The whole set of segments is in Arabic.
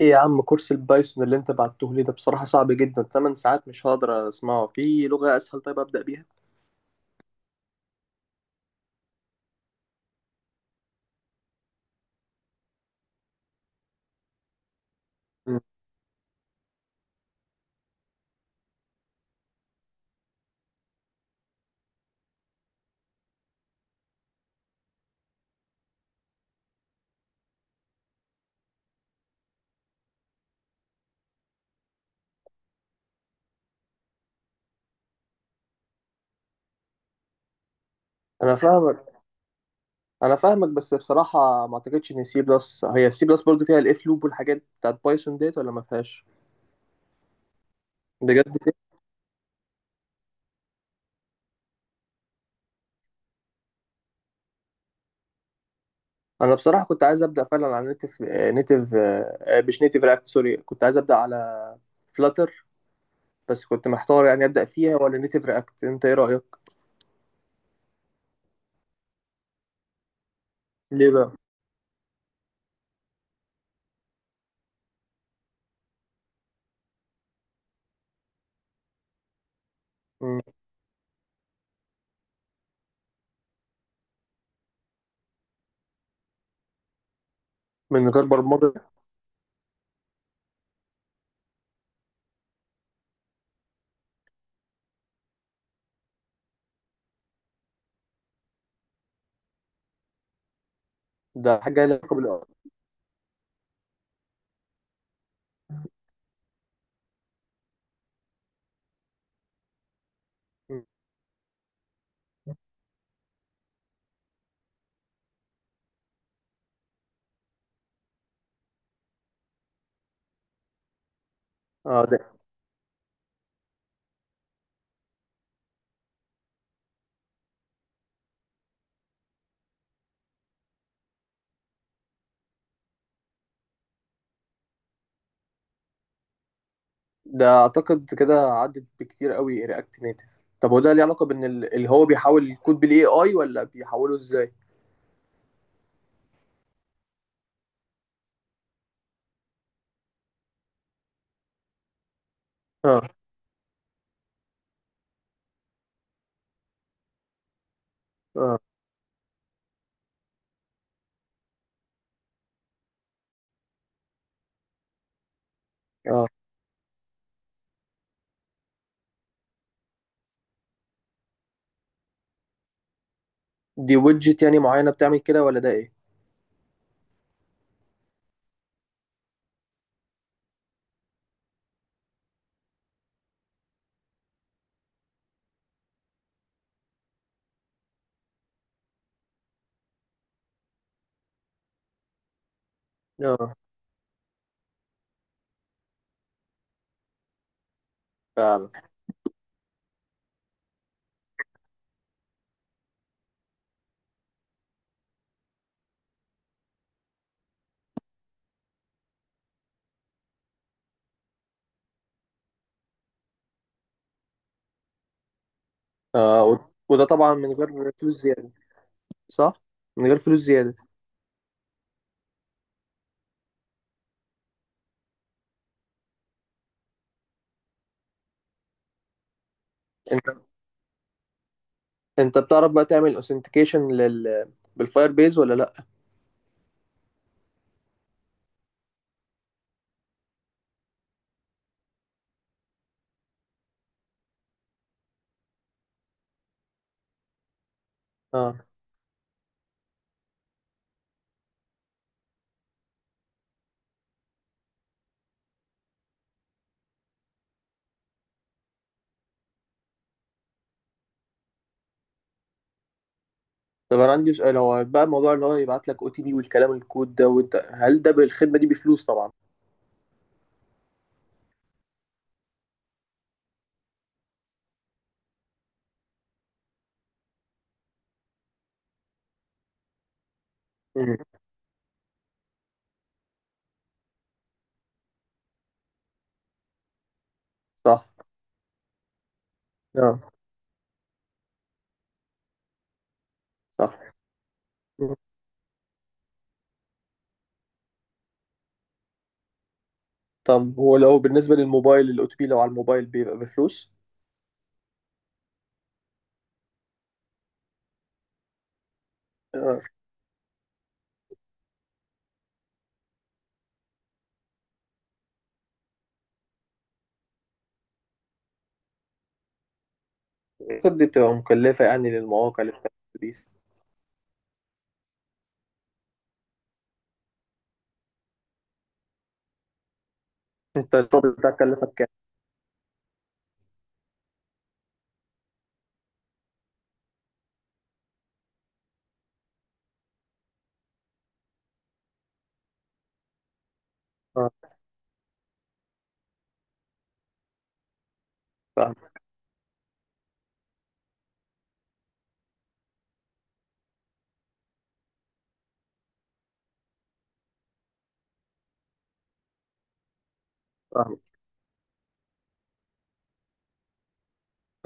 ايه يا عم، كورس البايثون اللي انت بعته لي ده بصراحة صعب جدا. 8 ساعات مش هقدر اسمعه. في لغة اسهل طيب ابدأ بيها؟ مم. انا فاهمك انا فاهمك. بس بصراحة ما اعتقدش ان سي بلس هي السي بلس برضو فيها الاف لوب والحاجات بتاعت بايثون، ديت ولا ما فيهاش؟ بجد كده؟ انا بصراحة كنت عايز ابدأ فعلا على نيتف نيتف، مش نيتف رياكت، سوري، كنت عايز ابدأ على فلاتر. بس كنت محتار، يعني ابدأ فيها ولا نيتف رياكت؟ انت ايه رأيك؟ ليه بقى؟ مم. من غير برمجة. ده حاجة لها علاقة بال. اه. ده اعتقد كده عدت بكتير قوي رياكت نيتف. طب هو ده ليه علاقه بان اللي هو بيحاول الكود بالاي اي، ولا بيحوله ازاي؟ اه. اه. اه. دي ويدجت يعني معينه بتعمل كده، ولا ده ايه؟ اه. فعلا. آه. وده طبعا من غير فلوس زياده، صح؟ من غير فلوس زياده. انت انت بتعرف بقى تعمل اوثنتيكيشن لل بالفاير بيز، ولا لا؟ اه. طب انا عندي سؤال، هو بقى الموضوع اللي هو يبعت لك او تي بي والكلام الكود ده، وانت هل ده بالخدمه دي بفلوس طبعا؟ مم. صح. اه. صح. طب هو لو بالنسبة للموبايل الأو تي بي، لو على الموبايل بيبقى بفلوس؟ آه، الخطوة دي بتبقى مكلفة يعني للمواقع اللي بتعمل دي. انت الشغل بتاعك كلفك كام؟ اه. فاهم. فاهم.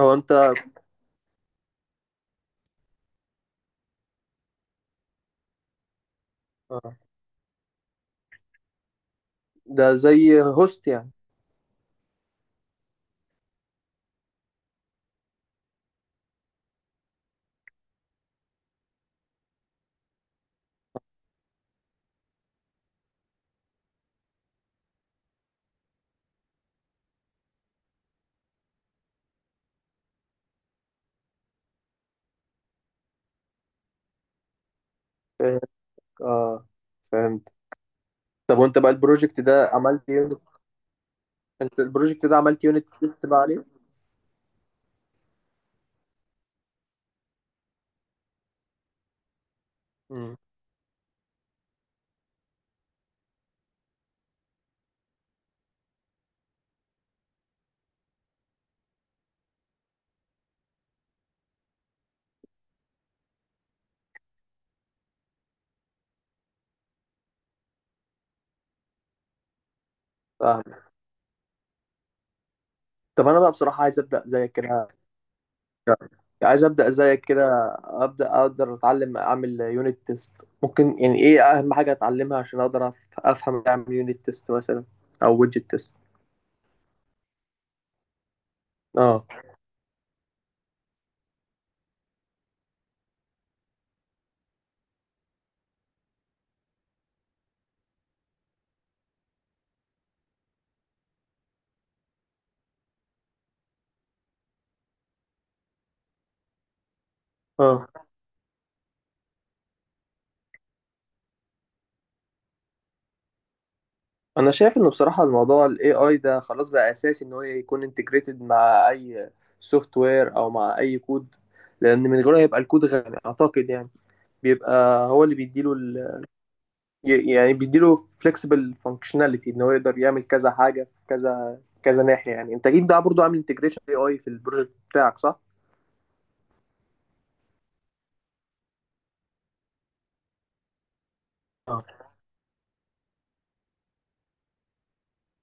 هو انت. آه. ده زي هوست يعني. فاهم. اه. فهمت. طب وانت بقى البروجكت ده عملت يونت، انت البروجكت ده عملت يونت تيست بقى عليه؟ امم فاهم. طب انا بقى بصراحة عايز ابدأ زي كده، يعني عايز ابدا زيك كده، ابدا اقدر اتعلم اعمل يونت تيست. ممكن يعني ايه اهم حاجه اتعلمها عشان اقدر افهم اعمل يونت تيست مثلا او ويدجت تيست؟ اه. اه. انا شايف انه بصراحه الموضوع الاي اي ده خلاص بقى اساسي ان هو يكون انتجريتد مع اي سوفت وير او مع اي كود، لان من غيره هيبقى الكود غني اعتقد، يعني بيبقى هو اللي بيديله، يعني بيديله فليكسبل فانكشناليتي ان هو يقدر يعمل كذا حاجه في كذا كذا ناحيه. يعني انت اكيد بقى برضو عامل انتجريشن اي اي في البروجكت بتاعك، صح؟ اه.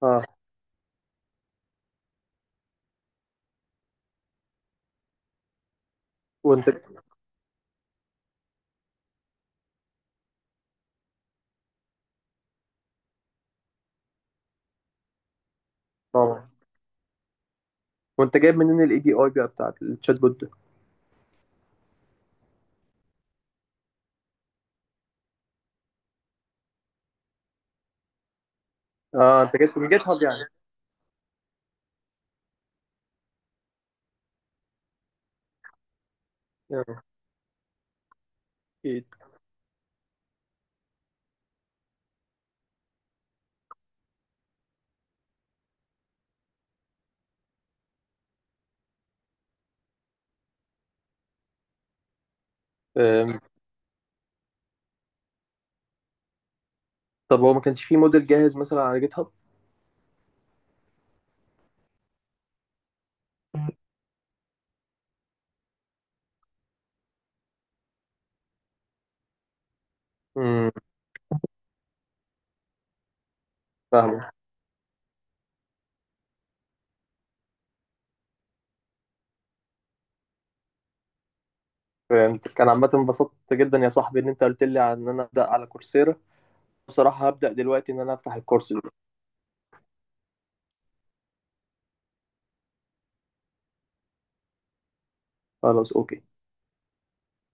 اه. وانت طبعا، وانت جايب منين الاي بي اي بقى بتاعك التشات بوت ده؟ اه، انت جبت من جيت هاب يعني. آه، اكيد. آم، طب هو ما كانش فيه موديل جاهز مثلا على جيت هاب؟ امم فاهمك. فهمت. كان عامة انبسطت جدا يا صاحبي ان انت قلت لي عن ان انا ابدا على كورسيرا. بصراحة هبدا دلوقتي ان انا افتح الكورس ده. خلاص اوكي.